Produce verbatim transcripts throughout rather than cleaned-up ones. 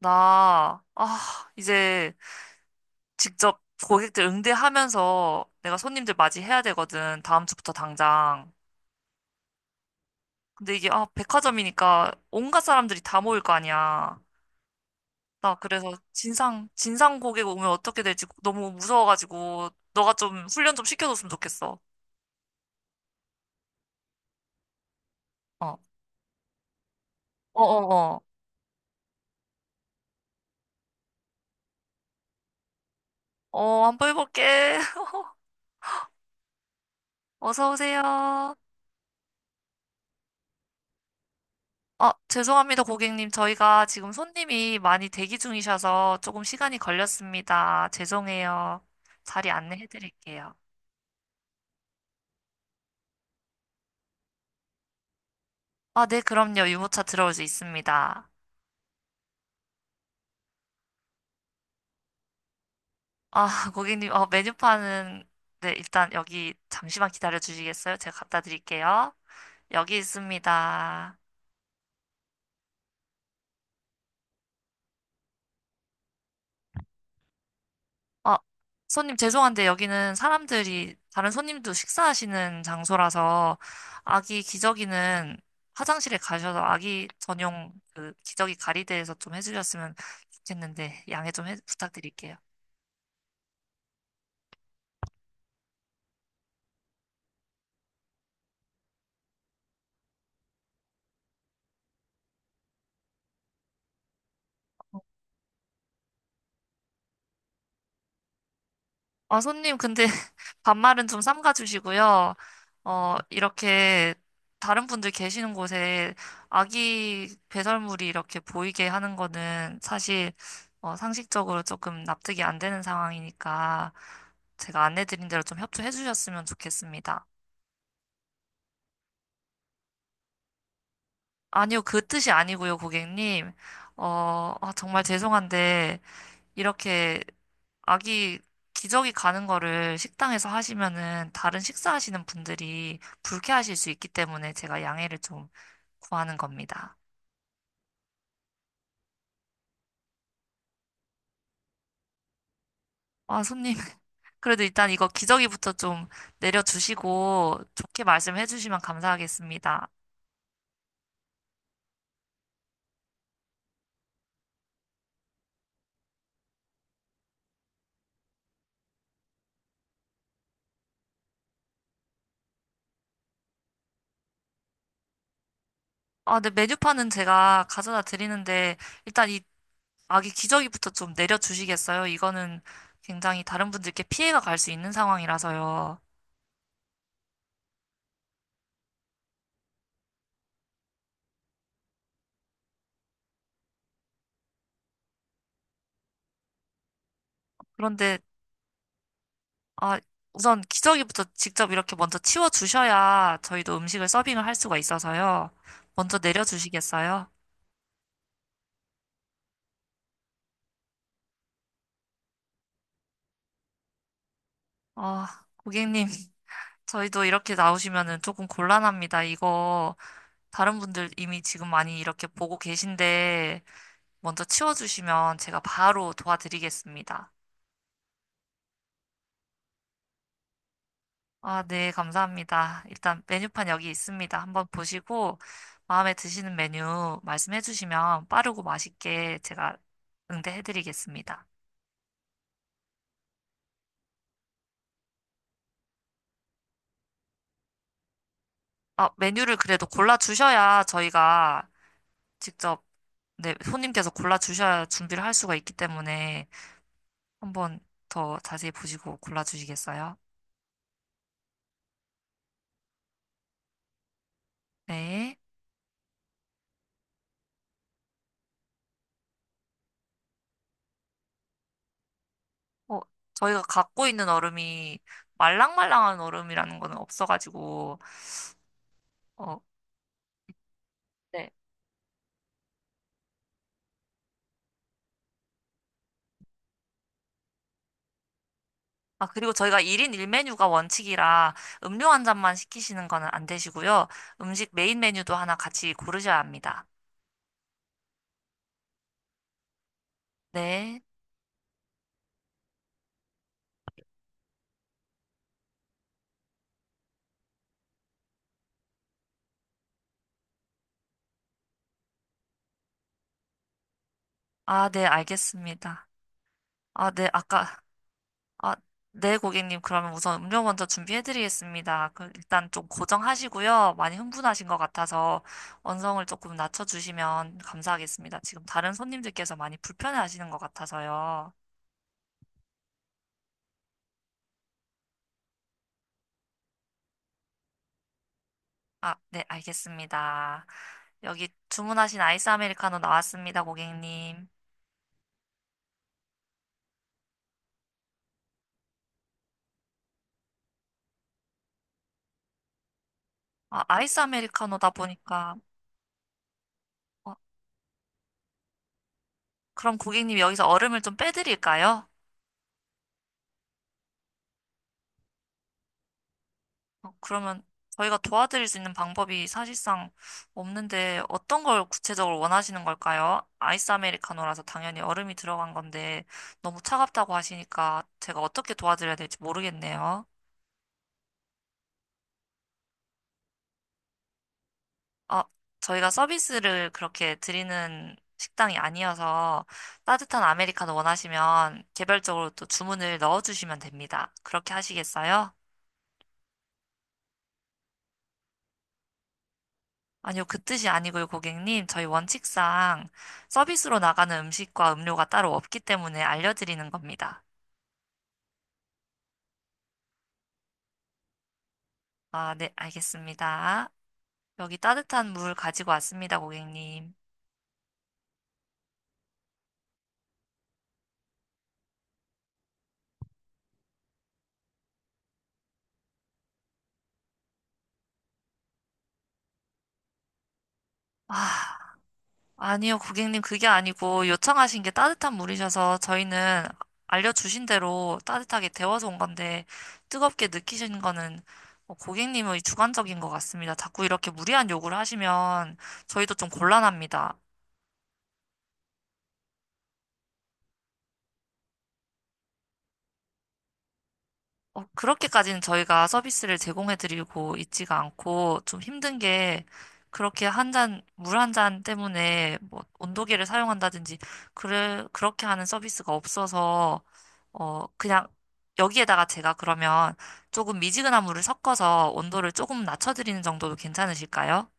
나, 아, 이제 직접 고객들 응대하면서 내가 손님들 맞이해야 되거든. 다음 주부터 당장. 근데 이게, 아, 백화점이니까 온갖 사람들이 다 모일 거 아니야. 나 그래서 진상, 진상 고객 오면 어떻게 될지 너무 무서워가지고, 너가 좀 훈련 좀 시켜줬으면 좋겠어. 어, 어어어. 어, 어, 어, 어, 한번 해볼게. 어서 오세요. 아, 죄송합니다, 고객님. 저희가 지금 손님이 많이 대기 중이셔서 조금 시간이 걸렸습니다. 죄송해요. 자리 안내해 드릴게요. 아, 네, 그럼요. 유모차 들어올 수 있습니다. 아, 고객님, 어, 메뉴판은, 네, 일단 여기 잠시만 기다려 주시겠어요? 제가 갖다 드릴게요. 여기 있습니다. 아, 손님 죄송한데 여기는 사람들이 다른 손님도 식사하시는 장소라서 아기 기저귀는 화장실에 가셔서 아기 전용 그 기저귀 가리대에서 좀 해주셨으면 좋겠는데 양해 좀 해- 부탁드릴게요. 아, 손님, 근데 반말은 좀 삼가 주시고요. 어, 이렇게 다른 분들 계시는 곳에 아기 배설물이 이렇게 보이게 하는 거는 사실 어, 상식적으로 조금 납득이 안 되는 상황이니까 제가 안내드린 대로 좀 협조해 주셨으면 좋겠습니다. 아니요, 그 뜻이 아니고요, 고객님. 어, 아, 정말 죄송한데 이렇게 아기 기저귀 가는 거를 식당에서 하시면은 다른 식사하시는 분들이 불쾌하실 수 있기 때문에 제가 양해를 좀 구하는 겁니다. 아, 손님. 그래도 일단 이거 기저귀부터 좀 내려주시고 좋게 말씀해 주시면 감사하겠습니다. 아, 네, 메뉴판은 제가 가져다 드리는데 일단 이 아기 기저귀부터 좀 내려주시겠어요? 이거는 굉장히 다른 분들께 피해가 갈 수 있는 상황이라서요. 그런데 아, 우선 기저귀부터 직접 이렇게 먼저 치워주셔야 저희도 음식을 서빙을 할 수가 있어서요. 먼저 내려주시겠어요? 아, 고객님, 저희도 이렇게 나오시면은 조금 곤란합니다. 이거 다른 분들 이미 지금 많이 이렇게 보고 계신데 먼저 치워주시면 제가 바로 도와드리겠습니다. 아, 네, 감사합니다. 일단 메뉴판 여기 있습니다. 한번 보시고 마음에 드시는 메뉴 말씀해 주시면 빠르고 맛있게 제가 응대해 드리겠습니다. 아, 메뉴를 그래도 골라주셔야 저희가 직접, 네, 손님께서 골라주셔야 준비를 할 수가 있기 때문에 한번 더 자세히 보시고 골라주시겠어요? 네. 어, 저희가 갖고 있는 얼음이 말랑말랑한 얼음이라는 거는 없어가지고, 어, 네. 아, 그리고 저희가 일 인 일 메뉴가 원칙이라 음료 한 잔만 시키시는 거는 안 되시고요. 음식 메인 메뉴도 하나 같이 고르셔야 합니다. 네. 아, 네, 알겠습니다. 아, 네, 아까 아, 네, 고객님. 그러면 우선 음료 먼저 준비해드리겠습니다. 그 일단 좀 고정하시고요. 많이 흥분하신 것 같아서 언성을 조금 낮춰주시면 감사하겠습니다. 지금 다른 손님들께서 많이 불편해하시는 것 같아서요. 아, 네, 알겠습니다. 여기 주문하신 아이스 아메리카노 나왔습니다, 고객님. 아, 아이스 아메리카노다 보니까. 어, 그럼 고객님 여기서 얼음을 좀 빼드릴까요? 어, 그러면 저희가 도와드릴 수 있는 방법이 사실상 없는데 어떤 걸 구체적으로 원하시는 걸까요? 아이스 아메리카노라서 당연히 얼음이 들어간 건데 너무 차갑다고 하시니까 제가 어떻게 도와드려야 될지 모르겠네요. 어, 저희가 서비스를 그렇게 드리는 식당이 아니어서 따뜻한 아메리카노 원하시면 개별적으로 또 주문을 넣어주시면 됩니다. 그렇게 하시겠어요? 아니요, 그 뜻이 아니고요, 고객님. 저희 원칙상 서비스로 나가는 음식과 음료가 따로 없기 때문에 알려드리는 겁니다. 아, 네, 알겠습니다. 여기 따뜻한 물 가지고 왔습니다, 고객님. 아, 아니요, 고객님, 그게 아니고 요청하신 게 따뜻한 물이셔서 저희는 알려주신 대로 따뜻하게 데워서 온 건데 뜨겁게 느끼시는 거는 어, 고객님의 주관적인 것 같습니다. 자꾸 이렇게 무리한 요구를 하시면 저희도 좀 곤란합니다. 어, 그렇게까지는 저희가 서비스를 제공해드리고 있지가 않고 좀 힘든 게 그렇게 한 잔, 물 한 잔 때문에 뭐 온도계를 사용한다든지 그래, 그렇게 하는 서비스가 없어서 어, 그냥 여기에다가 제가 그러면 조금 미지근한 물을 섞어서 온도를 조금 낮춰드리는 정도도 괜찮으실까요?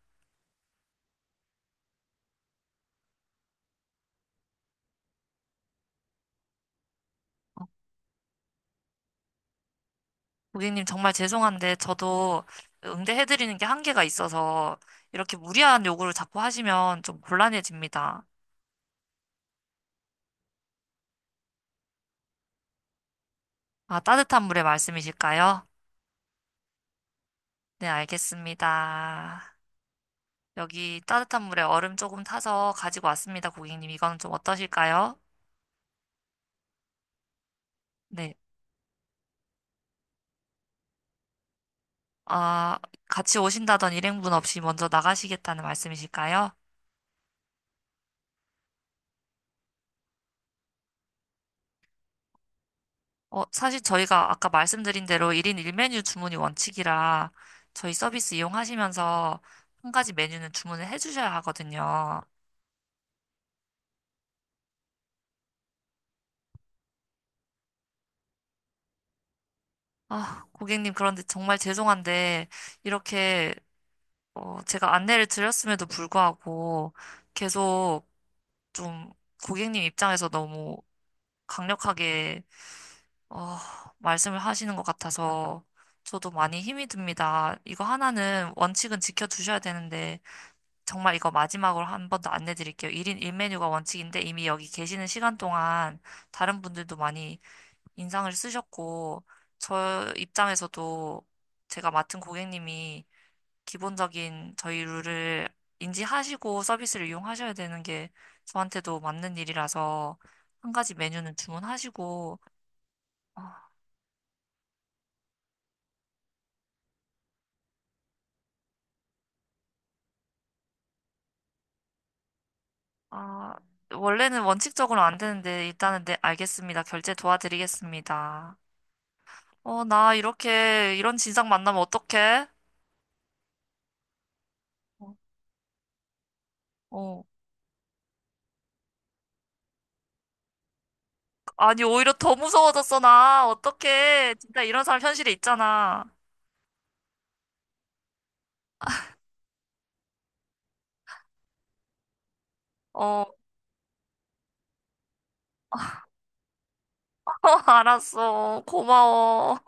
고객님 정말 죄송한데 저도 응대해드리는 게 한계가 있어서 이렇게 무리한 요구를 자꾸 하시면 좀 곤란해집니다. 아, 따뜻한 물의 말씀이실까요? 네, 알겠습니다. 여기 따뜻한 물에 얼음 조금 타서 가지고 왔습니다, 고객님. 이건 좀 어떠실까요? 네. 아, 같이 오신다던 일행분 없이 먼저 나가시겠다는 말씀이실까요? 어, 사실 저희가 아까 말씀드린 대로 일 인 일 메뉴 주문이 원칙이라 저희 서비스 이용하시면서 한 가지 메뉴는 주문을 해주셔야 하거든요. 아, 고객님, 그런데 정말 죄송한데 이렇게 어, 제가 안내를 드렸음에도 불구하고 계속 좀 고객님 입장에서 너무 강력하게 어, 말씀을 하시는 것 같아서 저도 많이 힘이 듭니다. 이거 하나는 원칙은 지켜주셔야 되는데 정말 이거 마지막으로 한 번 더 안내 드릴게요. 일 인 일 메뉴가 원칙인데 이미 여기 계시는 시간 동안 다른 분들도 많이 인상을 쓰셨고 저 입장에서도 제가 맡은 고객님이 기본적인 저희 룰을 인지하시고 서비스를 이용하셔야 되는 게 저한테도 맞는 일이라서 한 가지 메뉴는 주문하시고 아, 아, 원래는 원칙적으로 안 되는데 일단은 네, 알겠습니다. 결제 도와드리겠습니다. 어, 나 이렇게 이런 진상 만나면 어떡해? 어, 어, 아니 오히려 더 무서워졌어 나. 어떡해? 진짜 이런 사람 현실에 있잖아. 어, 알았어. 고마워.